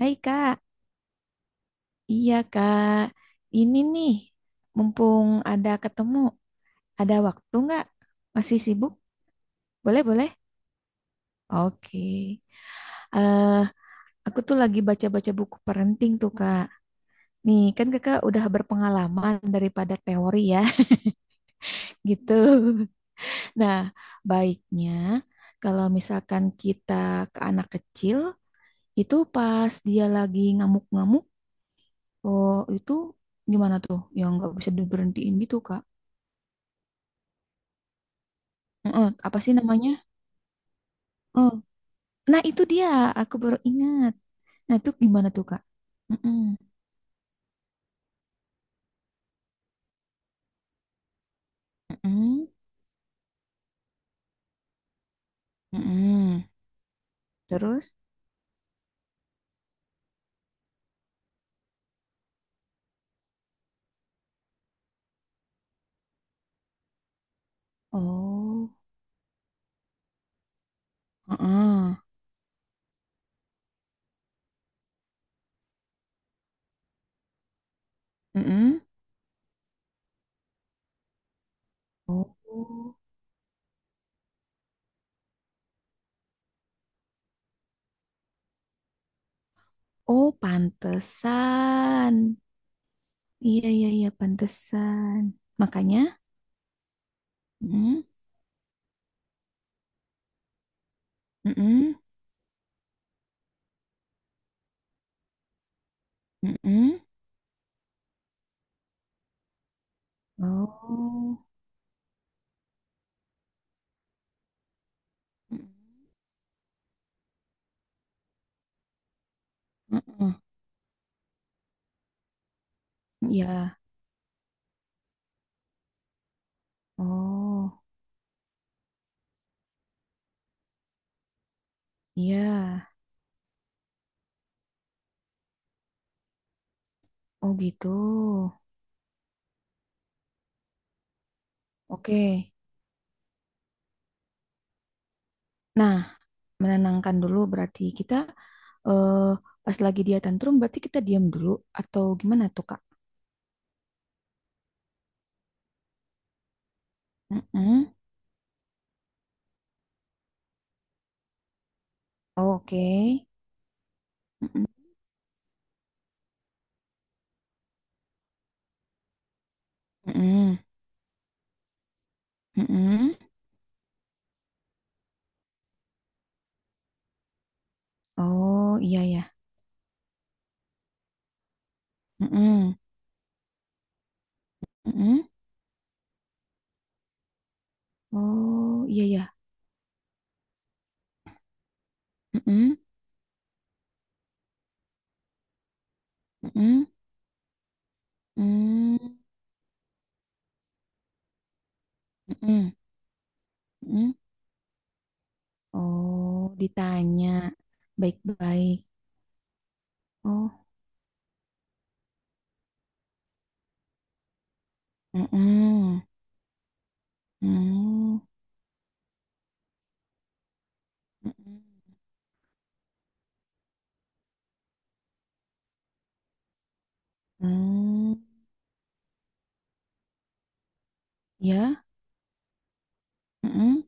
Hai Kak, iya Kak, ini nih, mumpung ada ketemu, ada waktu nggak? Masih sibuk? Boleh, boleh. Oke, eh aku tuh lagi baca-baca buku parenting tuh Kak. Nih, kan Kakak udah berpengalaman daripada teori ya, gitu. Nah, baiknya kalau misalkan kita ke anak kecil, itu pas dia lagi ngamuk-ngamuk, oh itu gimana tuh? Yang nggak bisa diberhentiin gitu Kak. Heeh, apa sih namanya? Oh, nah, itu dia. Aku baru ingat. Nah, itu gimana tuh, Kak? Mm-mm. Mm-mm. Mm-mm. Terus? Oh. Heeh. Mm-mm. Oh. Oh, pantesan. Iya, iya, iya, pantesan. Makanya? Mm-mm. Mm-mm. Mm-mm. Oh. Mm-mm. Mm-mm. Iya. Oh. Iya. Oh, gitu. Oke. Nah, menenangkan dulu berarti kita eh, pas lagi dia tantrum berarti kita diam dulu atau gimana tuh Kak? Mm-mm. Oke. Mm-mm. Mm-mm. Mm-mm. Oh iya ya. Mm-mm. Mm-mm. Oh iya ya. Mm-mm. Mm-mm. Mm. Mm-mm. Mm-mm. Oh, ditanya baik-baik. Oh. Mm-mm. Mm. Mm-mm. Mm. Ya. Mm-mm.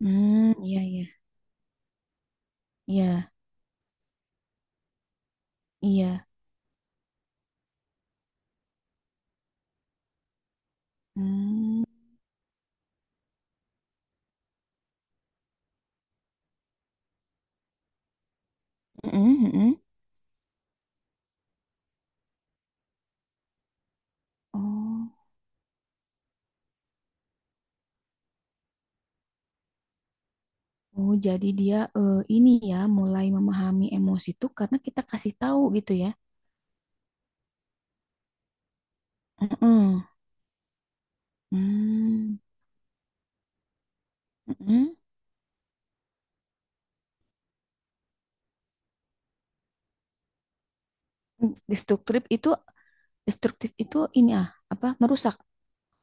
Hmm, iya iya. Iya, iya. Hmm, mm-mm, mm-mm. Oh, oh jadi dia ini ya mulai memahami emosi itu karena kita kasih tahu gitu ya. Mm-mm. Hmm, mm-mm. Destruktif itu destruktif itu ini ah, apa merusak.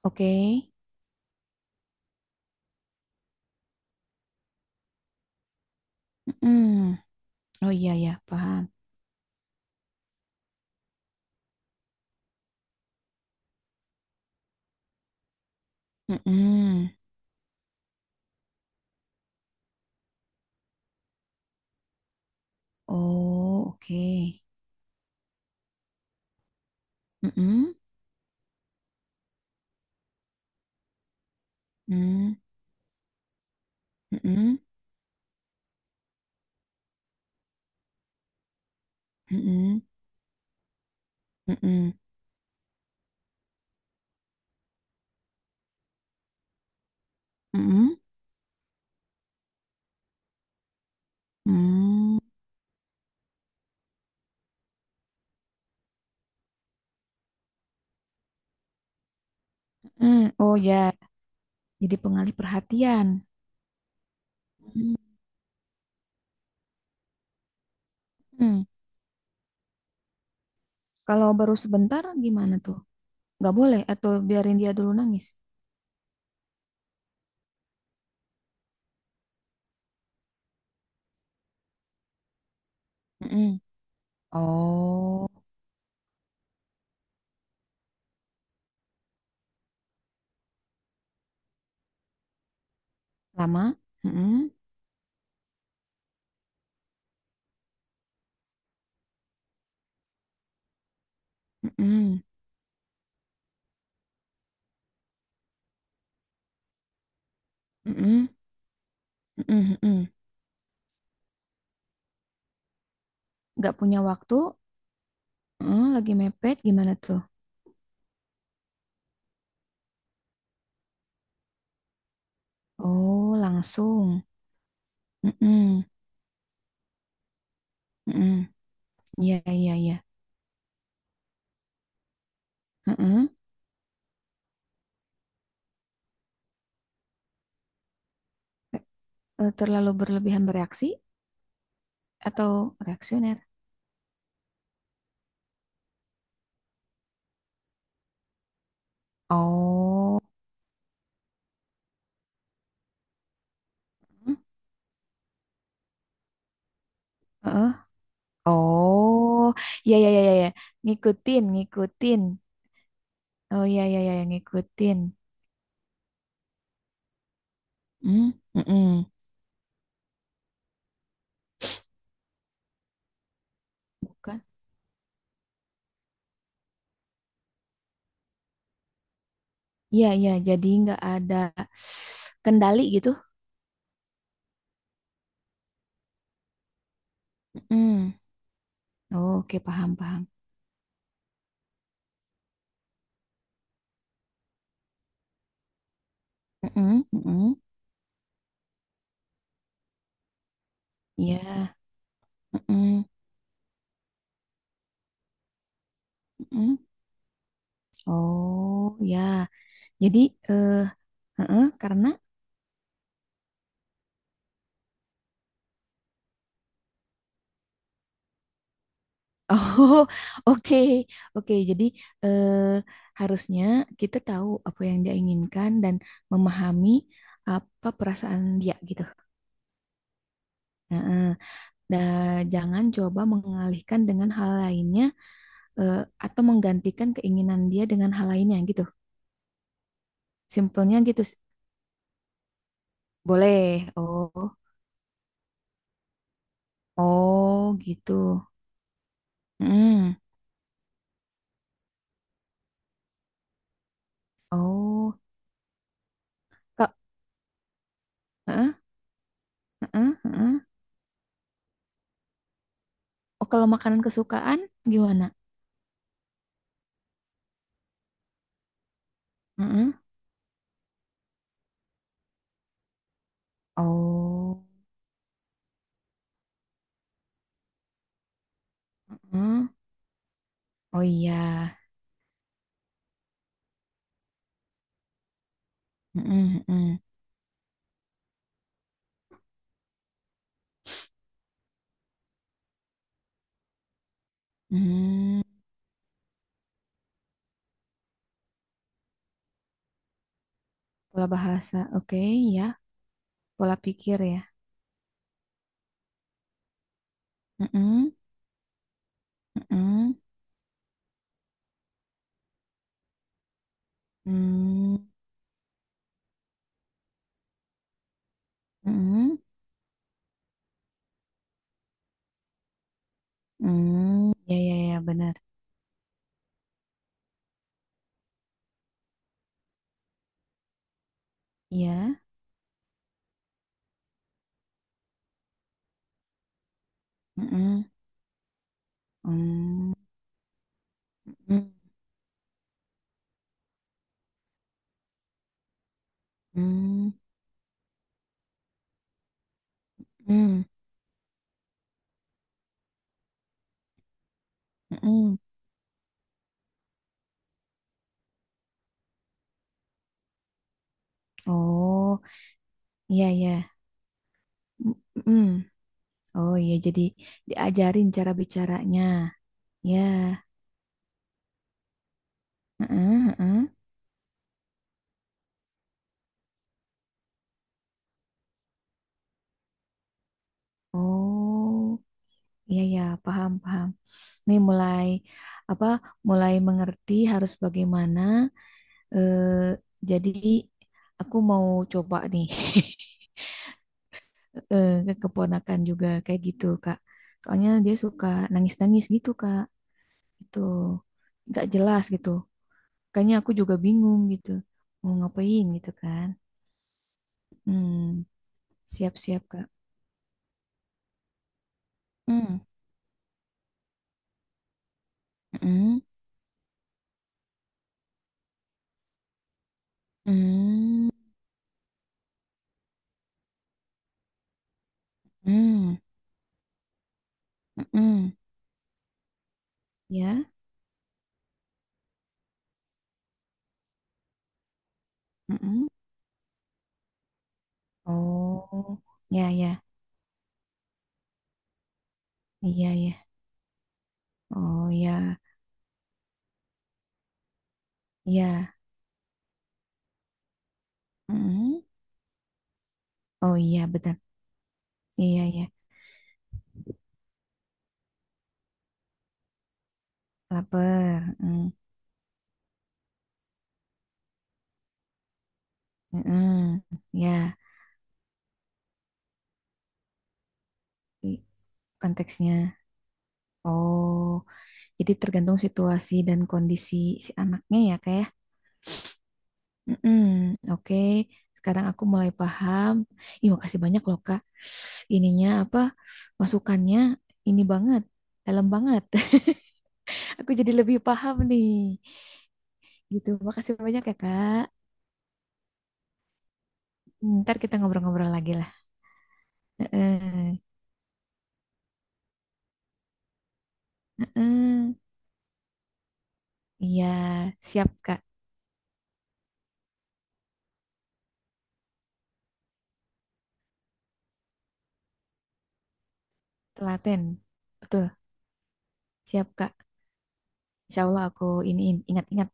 Oke. Mm-mm. Oh iya ya, paham. Mm-mm. Oh, oke. Mm-mm. Mm, mm-mm, mm-mm, mm-mm, mm-mm, mm-mm. Hmm, oh ya, jadi pengalih perhatian. Hmm. Hmm. Kalau baru sebentar gimana tuh? Nggak boleh atau biarin dia dulu nangis? Mm-mm. Oh, lama? Mm-mm. Mm-mm. Mm-mm. Mm-mm. Mm-mm. Nggak punya waktu? Mm, lagi mepet gimana tuh? Oh, langsung. Mm-mm. Mm-mm. Iya, iya, iya. Mm-mm. Terlalu berlebihan bereaksi atau reaksioner? Oh. Mm. Eh, oh, ya ya ya ya ya. Ngikutin, ngikutin. Oh ya ya ya ya, ngikutin. Hmm, mm-mm. Bukan. Iya iya, jadi nggak ada kendali gitu. Mm. Oh, oke paham paham. Mm-mm, mm-mm. Iya. Mm-mm, mm-mm. Oh ya, jadi eh heeh, karena oh, oke, oke. Jadi eh, harusnya kita tahu apa yang dia inginkan dan memahami apa perasaan dia gitu. Nah, jangan coba mengalihkan dengan hal lainnya eh, atau menggantikan keinginan dia dengan hal lainnya gitu. Simpelnya gitu. Boleh. Oh, oh gitu. Mm. Oh, kak. Heeh, heeh, heeh. Oh, kalau makanan kesukaan gimana? Heeh. Oh. Heeh. Oh iya, mm-mm, mm-mm. Mm. Pola bahasa, oke ya, pola pikir ya, mm-mm, mm-mm, mm, mm-mm, mm. Ya ya ya benar, ya, mm-mm, mm, mm, mm, mm, mm. Oh iya ya, mm oh iya jadi diajarin cara bicaranya, ya, mm-mm, oh iya ya paham paham. Nih mulai apa mulai mengerti harus bagaimana eh, jadi aku mau coba nih ke keponakan juga kayak gitu Kak, soalnya dia suka nangis-nangis gitu Kak, itu nggak jelas gitu, kayaknya aku juga bingung gitu mau ngapain gitu kan. Hmm, siap-siap Kak. Hmm. Hmm. Hmm. Hmm, hmm. Hmm. Ya. Hmm. Hmm. Oh ya ya iya ya. Oh ya, ya. Mm-mm. Oh iya benar. Iya ya. Laper. Mm. Mm-mm. Ya, i- konteksnya. Oh, jadi tergantung situasi dan kondisi si anaknya ya kayak. Mm-mm. Oke. Sekarang aku mulai paham. Ih, makasih banyak loh Kak. Ininya apa? Masukannya ini banget. Dalam banget. Aku jadi lebih paham nih. Gitu. Makasih banyak ya Kak. Ntar kita ngobrol-ngobrol lagi lah. Heeh. Heeh. Iya, siap Kak. Telaten. Betul, siap Kak. Insya Allah aku ini ingat-ingat.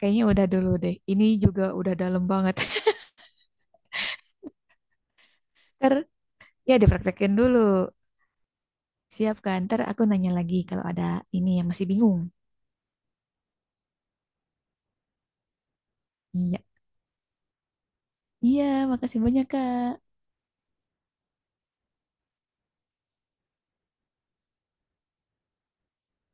Kayaknya udah dulu deh. Ini juga udah dalam banget. Ntar ya dipraktekin dulu. Siap Kak. Ntar aku nanya lagi kalau ada ini yang masih bingung. Iya. Iya, makasih banyak Kak.